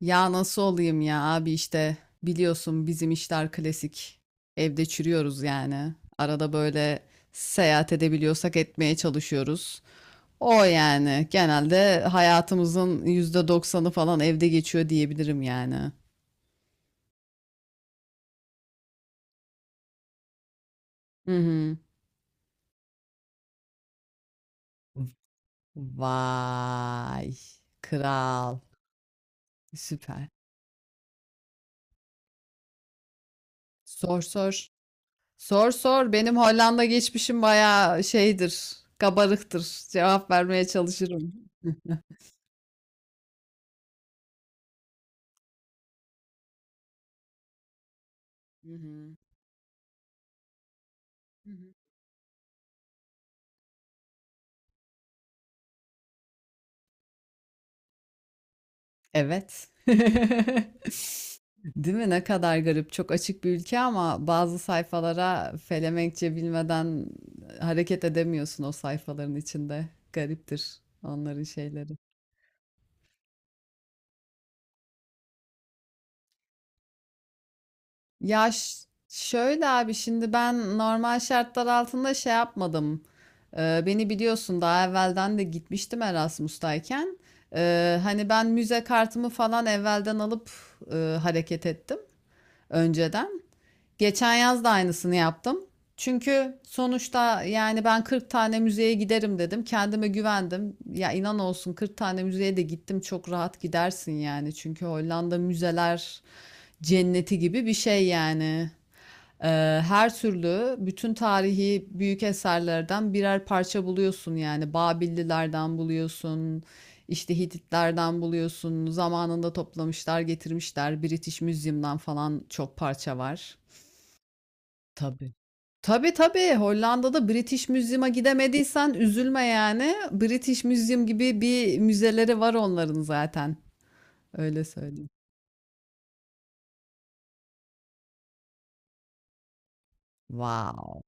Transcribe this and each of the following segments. Ya nasıl olayım ya abi işte biliyorsun bizim işler klasik. Evde çürüyoruz yani. Arada böyle seyahat edebiliyorsak etmeye çalışıyoruz. O yani genelde hayatımızın %90'ı falan evde geçiyor diyebilirim yani. Hı hı. Vay. Kral. Süper. Sor sor. Sor sor. Benim Hollanda geçmişim bayağı şeydir. Kabarıktır. Cevap vermeye çalışırım. Hı hı. Hı hı. Evet. Değil mi? Ne kadar garip. Çok açık bir ülke ama bazı sayfalara Felemenkçe bilmeden hareket edemiyorsun o sayfaların içinde. Gariptir onların şeyleri. Şöyle abi şimdi ben normal şartlar altında şey yapmadım. Beni biliyorsun daha evvelden de gitmiştim Erasmus'tayken. Hani ben müze kartımı falan evvelden alıp hareket ettim önceden. Geçen yaz da aynısını yaptım. Çünkü sonuçta yani ben 40 tane müzeye giderim dedim. Kendime güvendim. Ya inan olsun 40 tane müzeye de gittim. Çok rahat gidersin yani. Çünkü Hollanda müzeler cenneti gibi bir şey yani. Ee, Her türlü bütün tarihi büyük eserlerden birer parça buluyorsun yani. Babillilerden buluyorsun. İşte Hititlerden buluyorsun. Zamanında toplamışlar, getirmişler. British Museum'dan falan çok parça var. Tabii. Tabii tabii Hollanda'da British Museum'a gidemediysen üzülme yani. British Museum gibi bir müzeleri var onların zaten. Öyle söyleyeyim. Wow.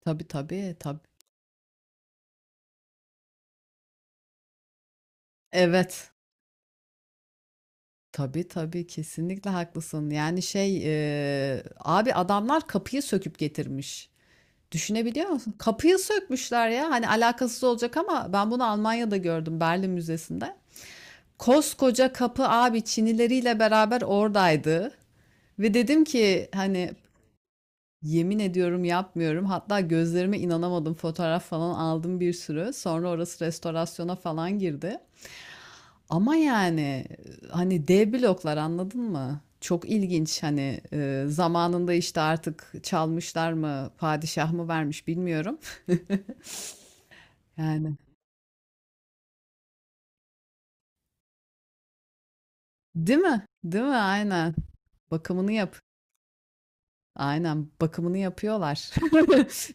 Tabii tabii tabii. Evet. Tabii tabii kesinlikle haklısın. Yani şey abi adamlar kapıyı söküp getirmiş. Düşünebiliyor musun? Kapıyı sökmüşler ya. Hani alakasız olacak ama ben bunu Almanya'da gördüm Berlin Müzesi'nde. Koskoca kapı abi Çinileriyle beraber oradaydı. Ve dedim ki hani yemin ediyorum yapmıyorum. Hatta gözlerime inanamadım. Fotoğraf falan aldım bir sürü. Sonra orası restorasyona falan girdi. Ama yani hani dev bloklar anladın mı? Çok ilginç hani zamanında işte artık çalmışlar mı, padişah mı vermiş bilmiyorum. Yani değil mi? Değil mi? Aynen. Bakımını yap. Aynen bakımını yapıyorlar.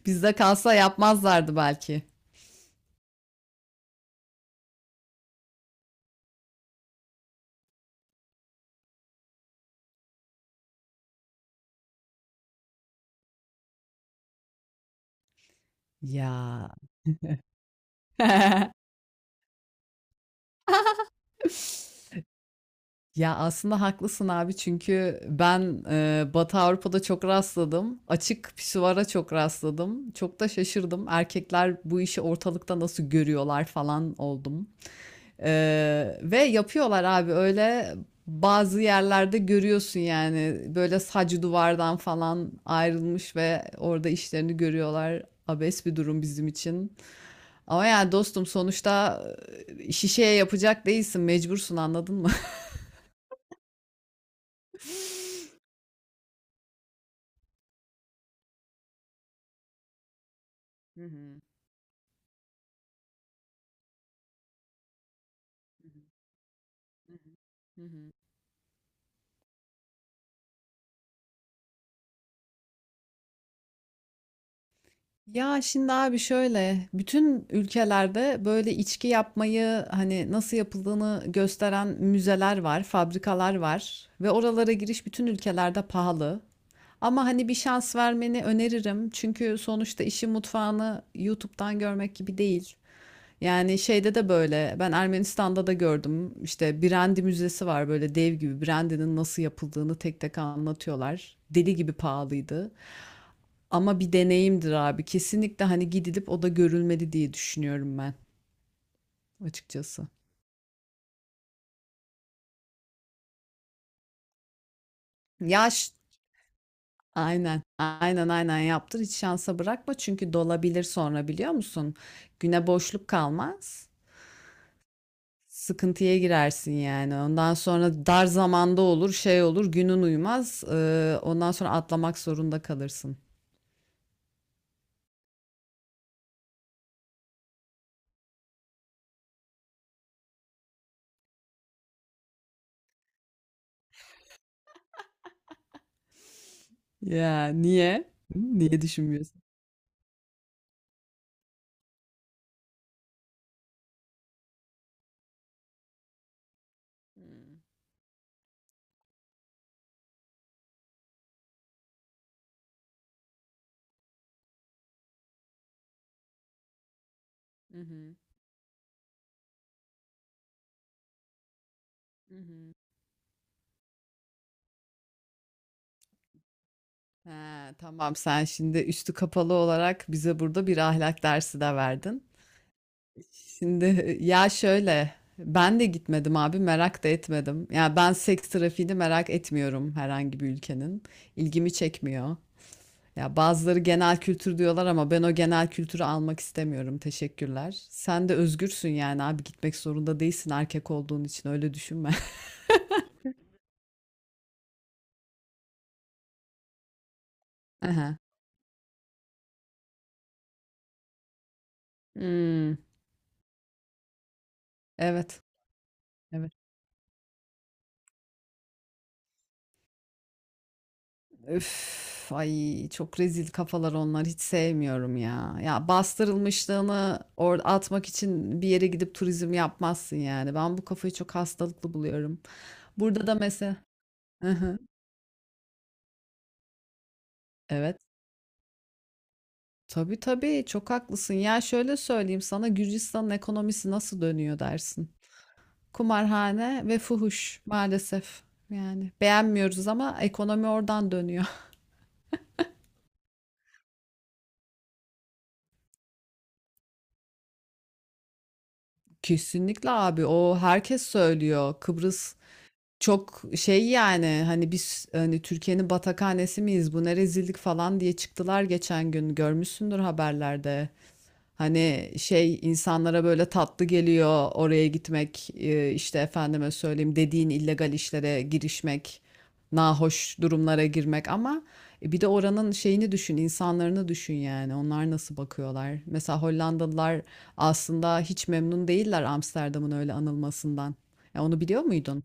Bizde kalsa yapmazlardı belki. Ya. Ya aslında haklısın abi çünkü ben Batı Avrupa'da çok rastladım. Açık pisuvara çok rastladım. Çok da şaşırdım. Erkekler bu işi ortalıkta nasıl görüyorlar falan oldum. E, Ve yapıyorlar abi öyle bazı yerlerde görüyorsun yani böyle sac duvardan falan ayrılmış ve orada işlerini görüyorlar. Abes bir durum bizim için. Ama yani dostum sonuçta şişeye yapacak değilsin mecbursun anladın mı? Hı hı. Hı hı. Ya şimdi abi şöyle bütün ülkelerde böyle içki yapmayı hani nasıl yapıldığını gösteren müzeler var, fabrikalar var ve oralara giriş bütün ülkelerde pahalı. Ama hani bir şans vermeni öneririm. Çünkü sonuçta işin mutfağını YouTube'dan görmek gibi değil. Yani şeyde de böyle ben Ermenistan'da da gördüm. İşte Brandy Müzesi var böyle dev gibi. Brandy'nin nasıl yapıldığını tek tek anlatıyorlar. Deli gibi pahalıydı. Ama bir deneyimdir abi. Kesinlikle hani gidilip o da görülmedi diye düşünüyorum ben açıkçası. Yaş aynen. Aynen aynen yaptır. Hiç şansa bırakma çünkü dolabilir sonra biliyor musun? Güne boşluk kalmaz. Sıkıntıya girersin yani. Ondan sonra dar zamanda olur, şey olur, günün uymaz, ondan sonra atlamak zorunda kalırsın. Ya niye? Niye düşünmüyorsun? Hmm, mhm, mhm. He, tamam sen şimdi üstü kapalı olarak bize burada bir ahlak dersi de verdin. Şimdi ya şöyle ben de gitmedim abi merak da etmedim. Ya ben seks trafiğini merak etmiyorum herhangi bir ülkenin. İlgimi çekmiyor. Ya bazıları genel kültür diyorlar ama ben o genel kültürü almak istemiyorum. Teşekkürler. Sen de özgürsün yani abi gitmek zorunda değilsin erkek olduğun için öyle düşünme. Aha. Hmm, evet. Evet. Öf, ay çok rezil kafalar onlar hiç sevmiyorum ya. Ya bastırılmışlığını or atmak için bir yere gidip turizm yapmazsın yani. Ben bu kafayı çok hastalıklı buluyorum. Burada da mesela hı hı, evet, tabii tabii çok haklısın. Ya şöyle söyleyeyim sana Gürcistan'ın ekonomisi nasıl dönüyor dersin. Kumarhane ve fuhuş maalesef. Yani beğenmiyoruz ama ekonomi oradan dönüyor. Kesinlikle abi o herkes söylüyor. Kıbrıs çok şey yani hani biz hani Türkiye'nin batakhanesi miyiz bu ne rezillik falan diye çıktılar geçen gün görmüşsündür haberlerde. Hani şey insanlara böyle tatlı geliyor oraya gitmek işte efendime söyleyeyim dediğin illegal işlere girişmek nahoş durumlara girmek ama bir de oranın şeyini düşün insanlarını düşün yani onlar nasıl bakıyorlar. Mesela Hollandalılar aslında hiç memnun değiller Amsterdam'ın öyle anılmasından. Ya onu biliyor muydun?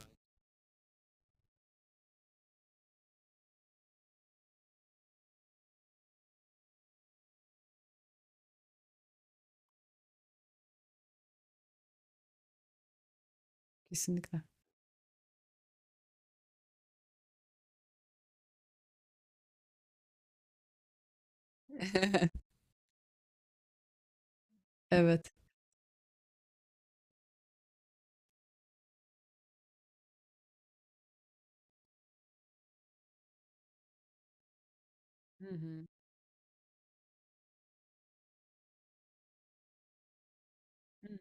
Kesinlikle. Evet. Hı hı. Hı,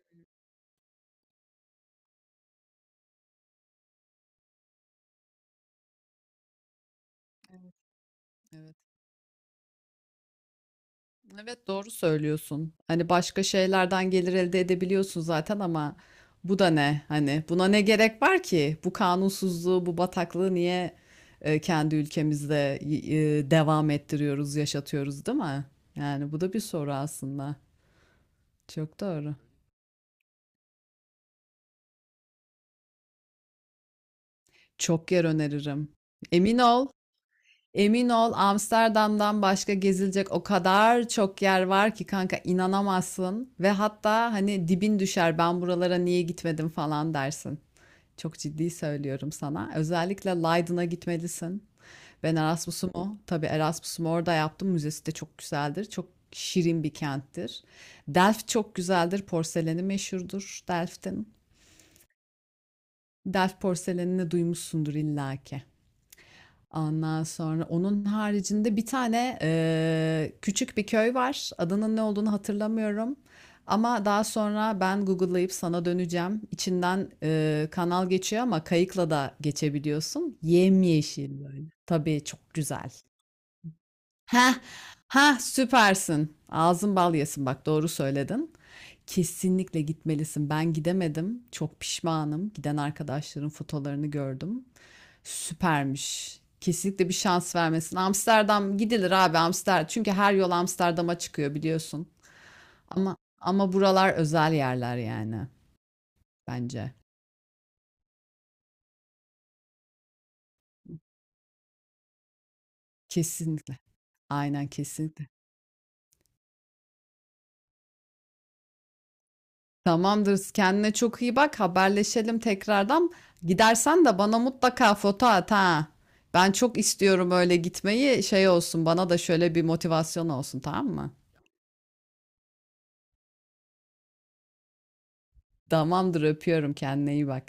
evet, evet. Evet doğru söylüyorsun. Hani başka şeylerden gelir elde edebiliyorsun zaten ama bu da ne? Hani buna ne gerek var ki? Bu kanunsuzluğu, bu bataklığı niye kendi ülkemizde devam ettiriyoruz, yaşatıyoruz, değil mi? Yani bu da bir soru aslında. Çok doğru. Çok yer öneririm. Emin ol, emin ol Amsterdam'dan başka gezilecek o kadar çok yer var ki kanka inanamazsın ve hatta hani dibin düşer ben buralara niye gitmedim falan dersin. Çok ciddi söylüyorum sana. Özellikle Leiden'a gitmelisin. Ben Erasmus'umu, tabii Erasmus'umu orada yaptım. Müzesi de çok güzeldir. Çok şirin bir kenttir. Delft çok güzeldir. Porseleni meşhurdur Delft'in. Delft porselenini duymuşsundur illaki. Ondan sonra onun haricinde bir tane küçük bir köy var. Adının ne olduğunu hatırlamıyorum. Ama daha sonra ben Google'layıp sana döneceğim. İçinden kanal geçiyor ama kayıkla da geçebiliyorsun. Yemyeşil böyle. Tabii çok güzel. Ha, ha süpersin. Ağzın bal yesin bak doğru söyledin. Kesinlikle gitmelisin. Ben gidemedim. Çok pişmanım. Giden arkadaşların fotolarını gördüm. Süpermiş. Kesinlikle bir şans vermesin. Amsterdam gidilir abi Amsterdam. Çünkü her yol Amsterdam'a çıkıyor biliyorsun. Ama ama buralar özel yerler yani bence. Kesinlikle. Aynen kesinlikle. Tamamdır. Kendine çok iyi bak. Haberleşelim tekrardan. Gidersen de bana mutlaka foto at ha. Ben çok istiyorum öyle gitmeyi. Şey olsun bana da şöyle bir motivasyon olsun tamam mı? Tamamdır öpüyorum kendine iyi bak.